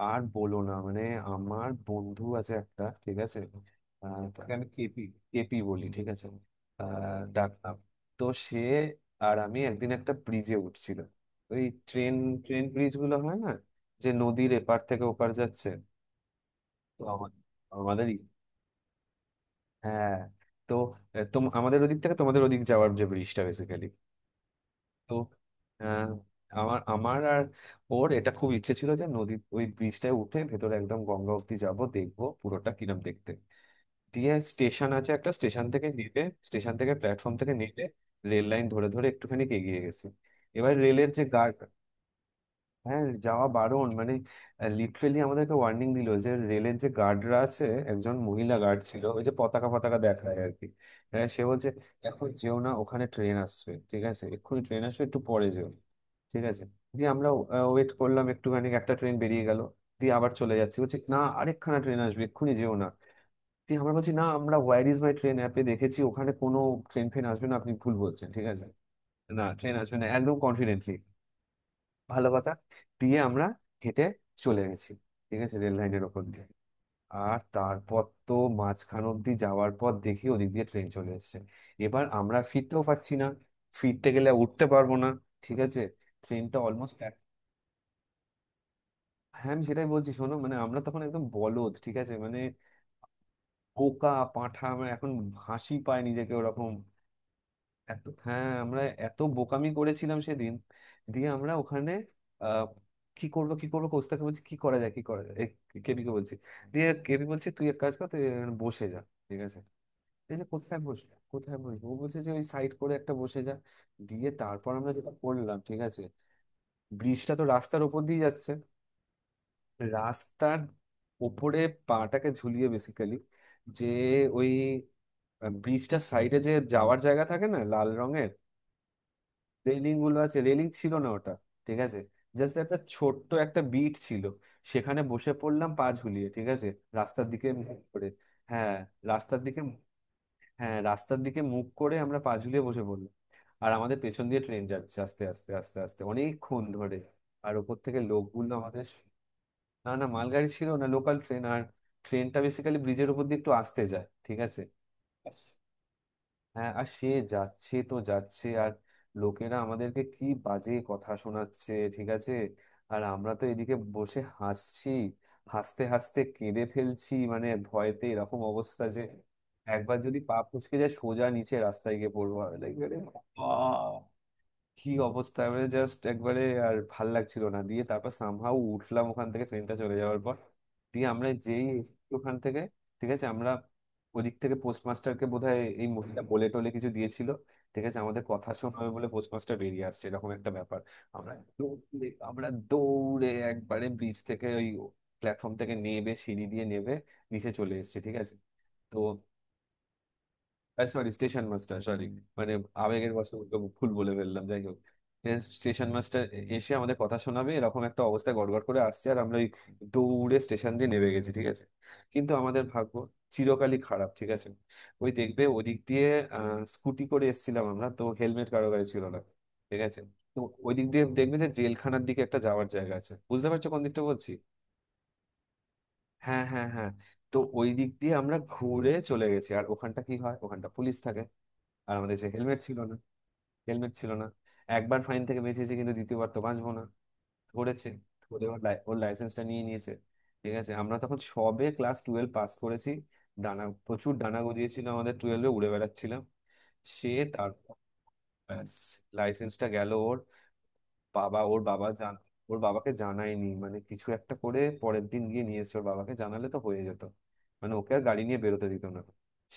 আর বলো না মানে আমার বন্ধু আছে একটা, ঠিক আছে? তাকে আমি কেপি, কেপি বলি, ঠিক আছে? ডাকনাম। তো সে আর আমি একদিন একটা ব্রিজে উঠছিল, ওই ট্রেন, ট্রেন ব্রিজ গুলো হয় না, যে নদীর এপার থেকে ওপার যাচ্ছে? তো আমাদেরই, হ্যাঁ। তো আমাদের ওদিক থেকে তোমাদের ওদিক যাওয়ার যে ব্রিজটা বেসিক্যালি। তো, আহ, আমার আমার আর ওর এটা খুব ইচ্ছে ছিল, যে নদীর ওই ব্রিজটায় উঠে ভেতরে একদম গঙ্গা অবধি যাবো, দেখবো পুরোটা কিরম দেখতে। দিয়ে স্টেশন আছে একটা, স্টেশন থেকে নেমে, স্টেশন থেকে প্ল্যাটফর্ম থেকে নেমে রেল লাইন ধরে ধরে একটুখানি এগিয়ে গেছি। এবার রেলের যে, হ্যাঁ যাওয়া বারণ, মানে লিটারেলি আমাদেরকে ওয়ার্নিং দিল, যে রেলের যে গার্ডরা আছে, একজন মহিলা গার্ড ছিল ওই যে পতাকা পতাকা দেখায় আর কি। হ্যাঁ সে বলছে এখন যেও না ওখানে, ট্রেন আসবে, ঠিক আছে, এক্ষুনি ট্রেন আসবে, একটু পরে যেও। ঠিক আছে। দিয়ে আমরা ওয়েট করলাম একটুখানি, একটা ট্রেন বেরিয়ে গেল। দিয়ে আবার চলে যাচ্ছি, বলছি না আরেকখানা ট্রেন আসবে এক্ষুনি, যেও না। দিয়ে আমরা বলছি না, আমরা হোয়ার ইজ মাই ট্রেন অ্যাপে দেখেছি ওখানে কোনো ট্রেন ফেন আসবে না, আপনি ভুল বলছেন, ঠিক আছে। না ট্রেন আসবে না, একদম কনফিডেন্টলি। ভালো কথা। দিয়ে আমরা হেঁটে চলে গেছি, ঠিক আছে, রেল লাইনের ওপর দিয়ে। আর তারপর তো মাঝখান অব্দি যাওয়ার পর দেখি ওদিক দিয়ে ট্রেন চলে এসেছে। এবার আমরা ফিরতেও পারছি না, ফিরতে গেলে উঠতে পারবো না, ঠিক আছে? ট্রেনটা অলমোস্ট প্যাক। হ্যাঁ আমি সেটাই বলছি, শোনো মানে আমরা তখন একদম বলদ, ঠিক আছে? মানে পোকা পাঁঠা, আমরা এখন হাসি পায় নিজেকে ওরকম। এত, হ্যাঁ আমরা এত বোকামি করেছিলাম সেদিন। দিয়ে আমরা ওখানে আহ, কি করবো কি করবো, কোস্তাকে বলছি কি করা যায় কি করা যায়, কেবি কে বলছি। দিয়ে কেবি বলছে তুই এক কাজ কর, তুই এখানে বসে যা, ঠিক আছে? এই যে কোথায় বসবো কোথায় বসবো, ও বলছে যে ওই সাইড করে একটা বসে যা। দিয়ে তারপর আমরা যেটা করলাম, ঠিক আছে, ব্রিজটা তো রাস্তার ওপর দিয়ে যাচ্ছে। রাস্তার ওপরে পাটাকে ঝুলিয়ে বেসিক্যালি, যে ওই ব্রিজটার সাইডে যে যাওয়ার জায়গা থাকে না, লাল রঙের রেলিং গুলো আছে, রেলিং ছিল না ওটা, ঠিক আছে। জাস্ট একটা ছোট্ট একটা বিট ছিল, সেখানে বসে পড়লাম পা ঝুলিয়ে, ঠিক আছে, রাস্তার দিকে মুখ করে। হ্যাঁ রাস্তার দিকে। হ্যাঁ রাস্তার দিকে মুখ করে আমরা পা ঝুলিয়ে বসে পড়লাম। আর আমাদের পেছন দিয়ে ট্রেন যাচ্ছে আস্তে আস্তে আস্তে আস্তে অনেকক্ষণ ধরে। আর ওপর থেকে লোকগুলো আমাদের, না না মালগাড়ি ছিল না, লোকাল ট্রেন। আর ট্রেনটা বেসিক্যালি ব্রিজের উপর দিয়ে একটু আসতে যায়, ঠিক আছে। হ্যাঁ আর সে যাচ্ছে তো যাচ্ছে, আর লোকেরা আমাদেরকে কি বাজে কথা শোনাচ্ছে, ঠিক আছে। আর আমরা তো এদিকে বসে হাসছি, হাসতে হাসতে কেঁদে ফেলছি, মানে ভয়তে এরকম অবস্থা, যে একবার যদি পা ফসকে যায় সোজা নিচে রাস্তায় গিয়ে পড়বো, লাইক কি অবস্থা, মানে জাস্ট একবারে আর ভাল লাগছিল না। দিয়ে তারপর সামহাউ উঠলাম ওখান থেকে, ট্রেনটা চলে যাওয়ার পর। দিয়ে আমরা যেই এসেছি ওখান থেকে, ঠিক আছে, আমরা ওদিক থেকে, পোস্টমাস্টারকে বোধহয় এই মহিলা বলে টলে কিছু দিয়েছিল, ঠিক আছে, আমাদের কথা শোনাবে বলে পোস্টমাস্টার বেরিয়ে আসছে এরকম একটা ব্যাপার। আমরা দৌড়ে, আমরা দৌড়ে একবারে ব্রিজ থেকে ওই প্ল্যাটফর্ম থেকে নেবে, সিঁড়ি দিয়ে নেবে নিচে চলে এসেছি, ঠিক আছে। তো সরি স্টেশন মাস্টার, সরি, মানে আবেগের বশবর্ত ভুল বলে ফেললাম, যাই হোক। স্টেশন মাস্টার এসে আমাদের কথা শোনাবে এরকম একটা অবস্থায় গড়গড় করে আসছে, আর আমরা ওই দৌড়ে স্টেশন দিয়ে নেমে গেছি, ঠিক আছে। কিন্তু আমাদের ভাগ্য চিরকালই খারাপ, ঠিক আছে। ওই দেখবে ওদিক দিয়ে, আহ স্কুটি করে এসেছিলাম আমরা, তো হেলমেট কারো গায়ে ছিল না, ঠিক আছে। তো ওই দিক দিয়ে দেখবে যে জেলখানার দিকে একটা যাওয়ার জায়গা আছে, বুঝতে পারছো কোন দিকটা বলছি? হ্যাঁ হ্যাঁ হ্যাঁ। তো ওই দিক দিয়ে আমরা ঘুরে চলে গেছি, আর ওখানটা কি হয়, ওখানটা পুলিশ থাকে। আর আমাদের যে হেলমেট ছিল না, হেলমেট ছিল না, একবার ফাইন থেকে বেঁচেছি কিন্তু দ্বিতীয়বার তো বাঁচবো না। ধরেছে, ধরে ওর লাইসেন্সটা নিয়ে নিয়েছে, ঠিক আছে। আমরা তখন সবে ক্লাস 12 পাস করেছি, ডানা প্রচুর ডানা গজিয়েছিল আমাদের, 12-এ উড়ে বেড়াচ্ছিলাম। সে তারপর লাইসেন্সটা গেল, বাবা ওর বাবা জান, ওর বাবাকে জানায়নি, মানে কিছু একটা করে পরের দিন গিয়ে নিয়ে এসেছে। ওর বাবাকে জানালে তো হয়ে যেত, মানে ওকে আর গাড়ি নিয়ে বেরোতে দিত না।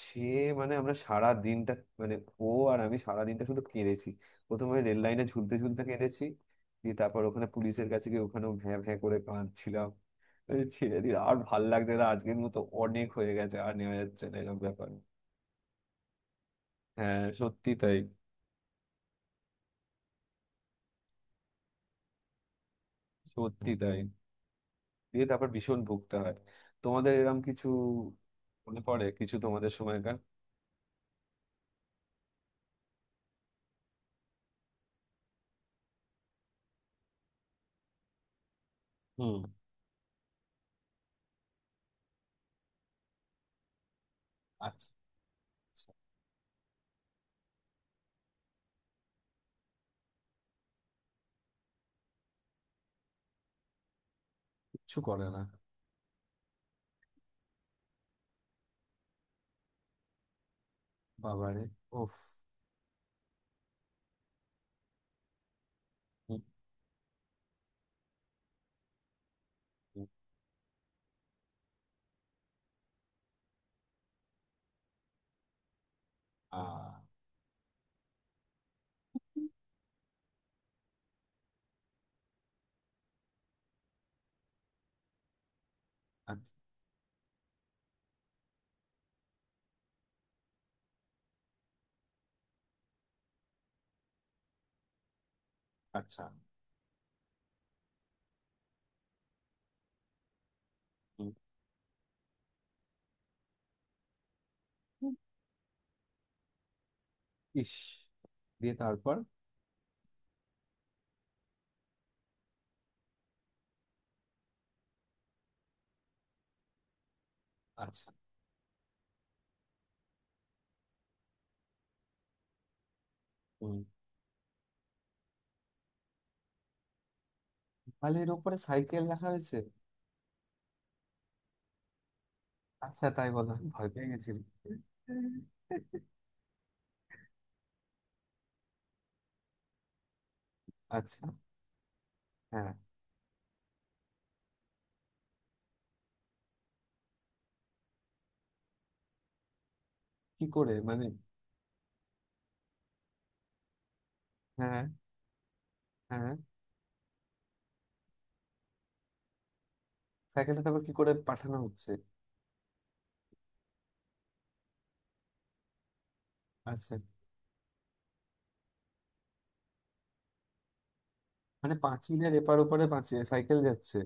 সে মানে আমরা সারা দিনটা, মানে ও আর আমি সারা দিনটা শুধু কেঁদেছি। প্রথমে রেল লাইনে ঝুলতে ঝুলতে কেঁদেছি, দিয়ে তারপর ওখানে পুলিশের কাছে গিয়ে ওখানেও ভ্যাঁ ভ্যাঁ করে কাঁদছিলাম। এই ছেড়ে দিই আর ভাল লাগছে না, আজকের মতো অনেক হয়ে গেছে, আর নেওয়া যাচ্ছে না এরকম ব্যাপার। হ্যাঁ সত্যি তাই। সত্যি তাই, দিয়ে তারপর ভীষণ ভুগতে হয়। তোমাদের এরম কিছু মনে পড়ে কিছু, তোমাদের সময়কার? হুম। আচ্ছা, আচ্ছা। কিচ্ছু করে না। বাবারে, ওফ। হুম, হুম, আ, আচ্ছা আচ্ছা, হুম, হুম, ইস। দিয়ে তারপর আচ্ছা হুম, বালির উপরে সাইকেল রাখা হয়েছে? আচ্ছা, তাই বলো, আমি ভয় পেয়ে গেছি। আচ্ছা। হ্যাঁ। কি করে মানে? হ্যাঁ, হ্যাঁ। সাইকেলটা তারপর কি করে পাঠানো হচ্ছে? আচ্ছা, মানে পাঁচিলের এপার ওপারে পাঁচিল সাইকেল যাচ্ছে?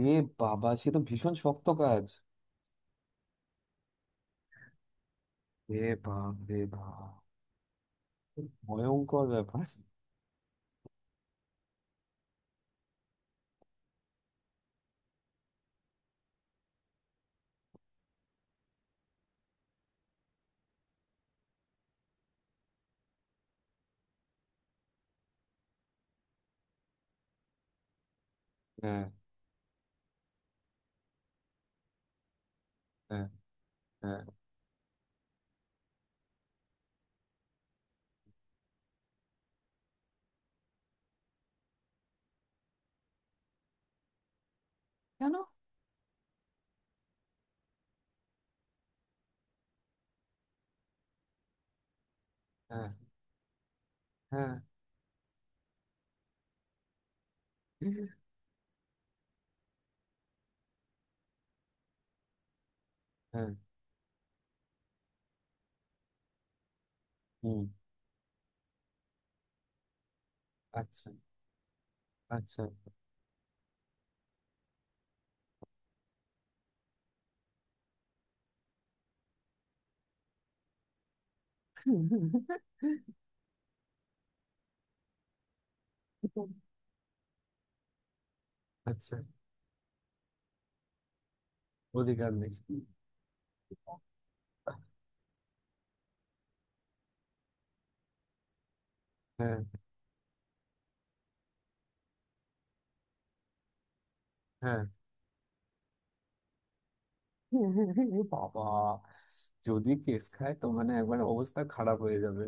রে বাবা, সে তো ভীষণ শক্ত কাজ। রে বাপ রে বাপ, ভয়ঙ্কর ব্যাপার। হ্যাঁ হ্যাঁ হ্যাঁ। কেন? হ্যাঁ হ্যাঁ হ্যাঁ। হুম। আচ্ছা আচ্ছা। আচ্ছা, অধিকার নেই। হ্যাঁ হ্যাঁ। এ বাবা, যদি কেস খায় তো মানে একবার অবস্থা খারাপ হয়ে যাবে।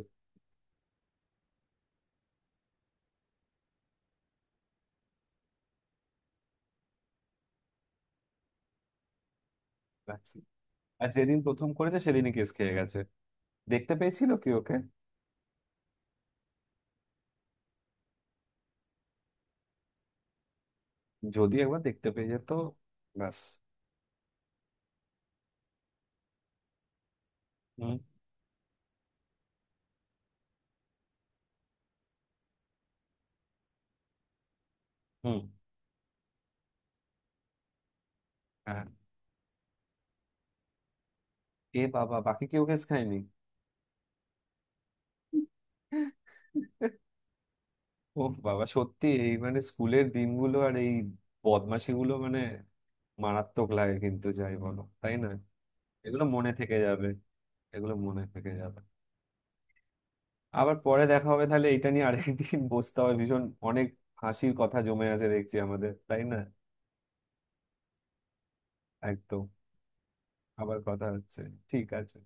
রাখছি, আর যেদিন প্রথম করেছে সেদিনই কেস খেয়ে গেছে। দেখতে পেয়েছিল কি ওকে? যদি একবার দেখতে পেয়ে যেত ব্যাস। হুম। হুম। হ্যাঁ। এ বাবা, বাকি কেউ কেস খায়নি? ও বাবা সত্যি, এই মানে স্কুলের দিনগুলো আর এই বদমাশিগুলো, মানে মারাত্মক লাগে কিন্তু, যাই বলো তাই না? এগুলো মনে থেকে যাবে। এগুলো মনে থেকে যাবে। আবার পরে দেখা হবে তাহলে, এটা নিয়ে আরেকদিন বসতে হবে, ভীষণ অনেক হাসির কথা জমে আছে দেখছি আমাদের, তাই না? একদম, আবার কথা হচ্ছে, ঠিক আছে।